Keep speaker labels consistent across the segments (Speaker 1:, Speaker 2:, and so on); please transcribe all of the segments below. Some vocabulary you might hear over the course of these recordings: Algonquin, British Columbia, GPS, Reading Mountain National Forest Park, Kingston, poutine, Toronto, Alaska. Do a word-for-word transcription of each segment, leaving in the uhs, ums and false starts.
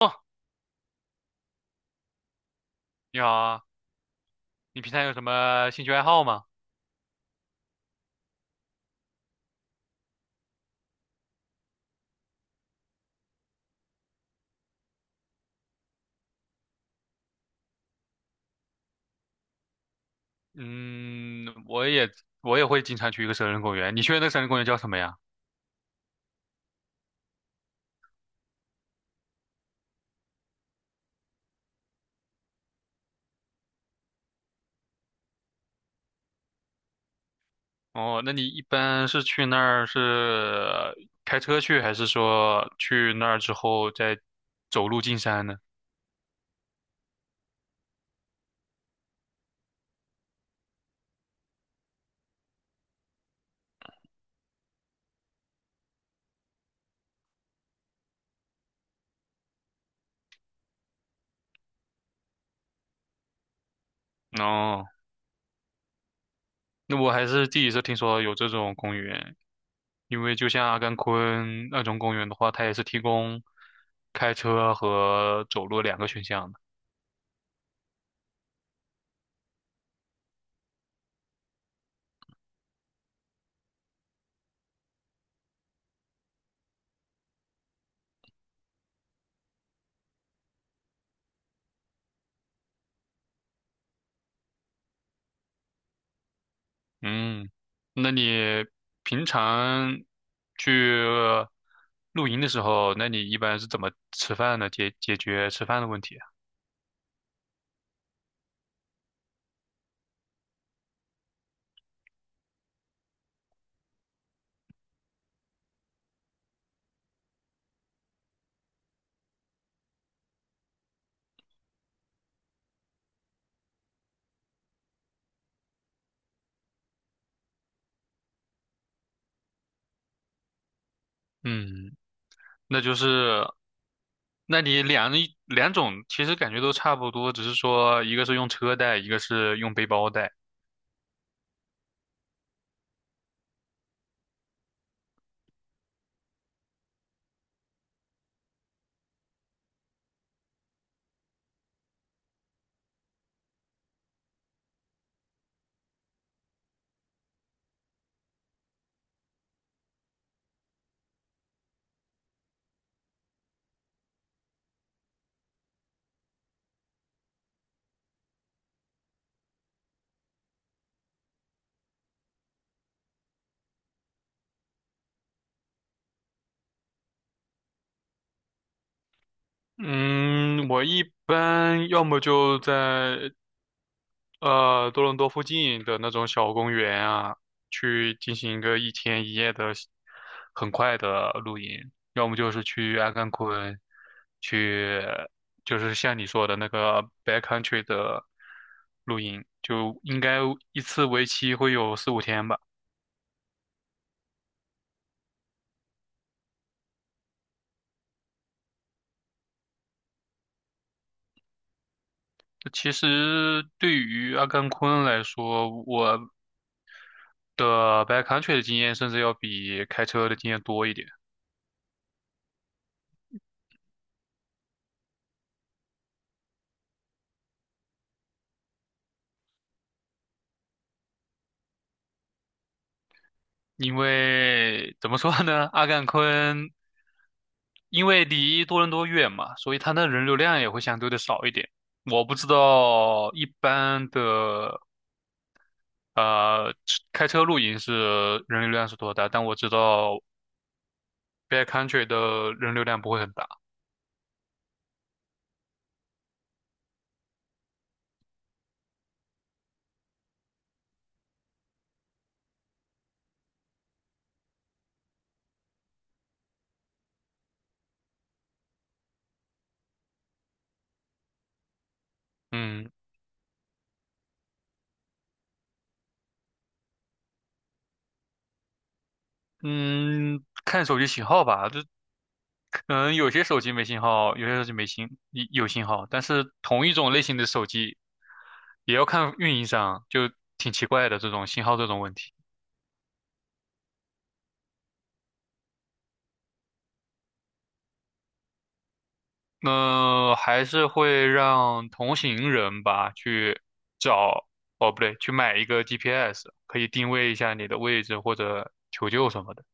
Speaker 1: 哦，你好啊，你平常有什么兴趣爱好吗？嗯，我也我也会经常去一个森林公园。你去的那个森林公园叫什么呀？哦，那你一般是去那儿是开车去，还是说去那儿之后再走路进山呢？哦，那我还是第一次听说有这种公园，因为就像阿甘昆那种公园的话，它也是提供开车和走路两个选项的。嗯，那你平常去露营的时候，那你一般是怎么吃饭呢？解解决吃饭的问题啊？嗯，那就是，那你两一两种其实感觉都差不多，只是说一个是用车带，一个是用背包带。嗯，我一般要么就在呃，多伦多附近的那种小公园啊，去进行一个一天一夜的很快的露营，要么就是去阿甘昆，去就是像你说的那个 backcountry 的露营，就应该一次为期会有四五天吧。其实对于阿甘昆来说，我的 backcountry 的经验甚至要比开车的经验多一点。因为怎么说呢，阿甘昆因为离多伦多远嘛，所以它的人流量也会相对的少一点。我不知道一般的呃开车露营是人流量是多大，但我知道 backcountry 的人流量不会很大。嗯嗯，看手机信号吧，这可能有些手机没信号，有些手机没信有信号，但是同一种类型的手机也要看运营商，就挺奇怪的这种信号这种问题。呃，还是会让同行人吧去找，哦，不对，去买一个 G P S，可以定位一下你的位置或者求救什么的。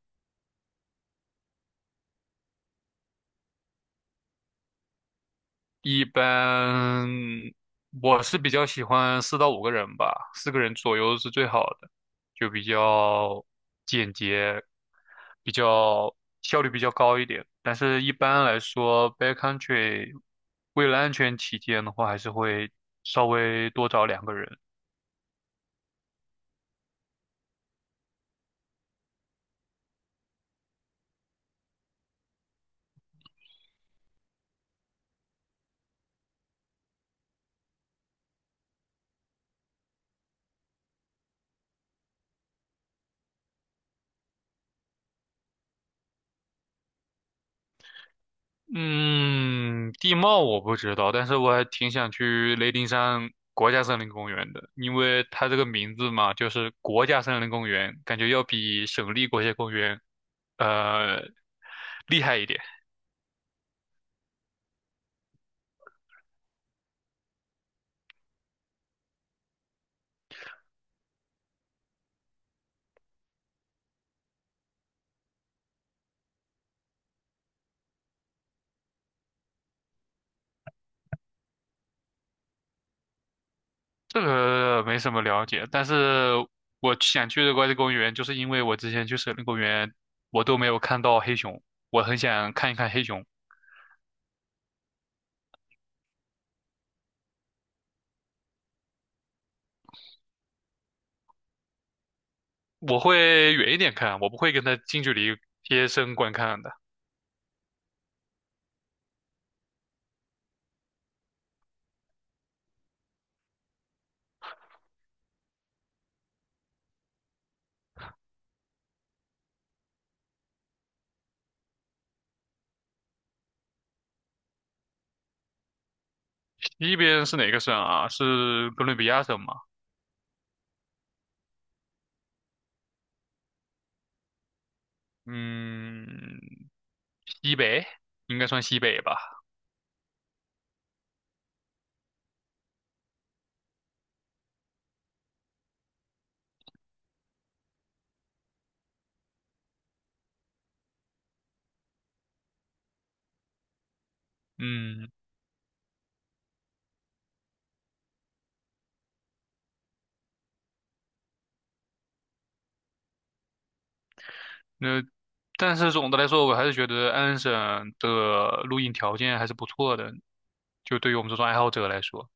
Speaker 1: 一般我是比较喜欢四到五个人吧，四个人左右是最好的，就比较简洁，比较效率比较高一点。但是一般来说，backcountry 为了安全起见的话，还是会稍微多找两个人。嗯，地貌我不知道，但是我还挺想去雷丁山国家森林公园的，因为它这个名字嘛，就是国家森林公园，感觉要比省立国家公园呃厉害一点。这个没什么了解，但是我想去的国家公园，就是因为我之前去森林公园，我都没有看到黑熊，我很想看一看黑熊。我会远一点看，我不会跟它近距离贴身观看的。西边是哪个省啊？是哥伦比亚省吗？嗯，西北应该算西北吧。嗯，那但是总的来说，我还是觉得安省的录音条件还是不错的，就对于我们这种爱好者来说，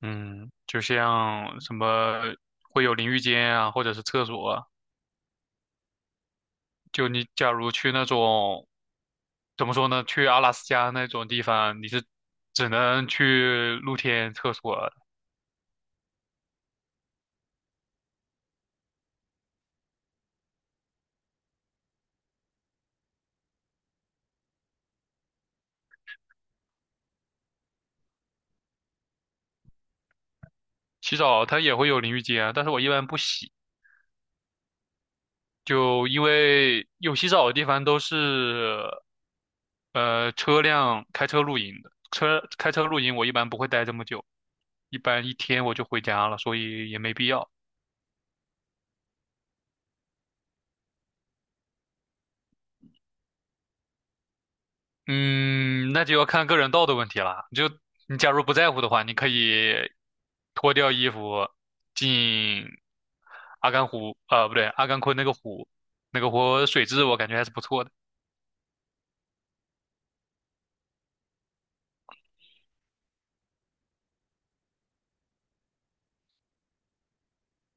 Speaker 1: 嗯，就像什么会有淋浴间啊，或者是厕所啊，就你假如去那种怎么说呢，去阿拉斯加那种地方，你是只能去露天厕所，洗澡它也会有淋浴间啊，但是我一般不洗，就因为有洗澡的地方都是呃车辆开车露营的，车开车露营我一般不会待这么久，一般一天我就回家了，所以也没必要。嗯，那就要看个人道德问题啦。就你假如不在乎的话，你可以脱掉衣服进阿甘湖，呃，不对，阿甘昆那个湖，那个湖水质我感觉还是不错的。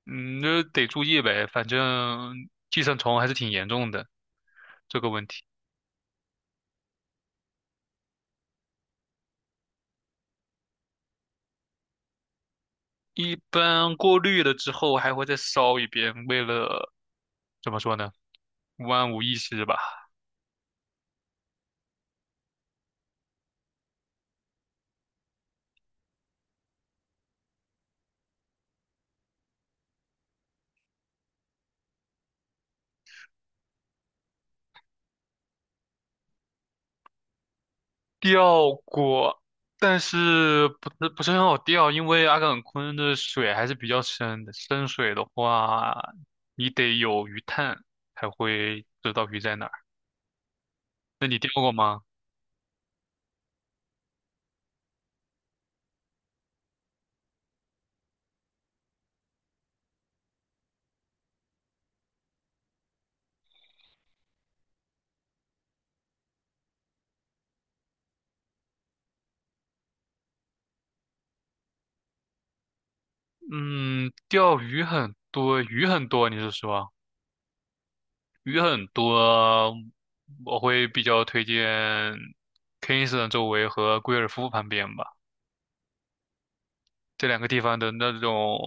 Speaker 1: 嗯，那得注意呗，反正寄生虫还是挺严重的这个问题。一般过滤了之后还会再烧一遍，为了怎么说呢，万无一失吧。钓过，但是不是不是很好钓，因为阿岗昆的水还是比较深的，深水的话，你得有鱼探才会知道鱼在哪儿。那你钓过吗？嗯，钓鱼很多，鱼很多，你是说？鱼很多，我会比较推荐 Kingston 周围和贵尔夫旁边吧，这两个地方的那种，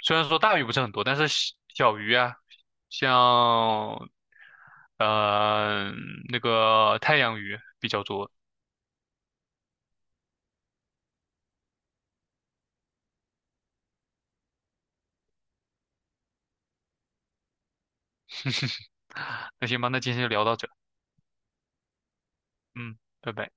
Speaker 1: 虽然说大鱼不是很多，但是小小鱼啊，像呃那个太阳鱼比较多。那行吧，那今天就聊到这，嗯，拜拜。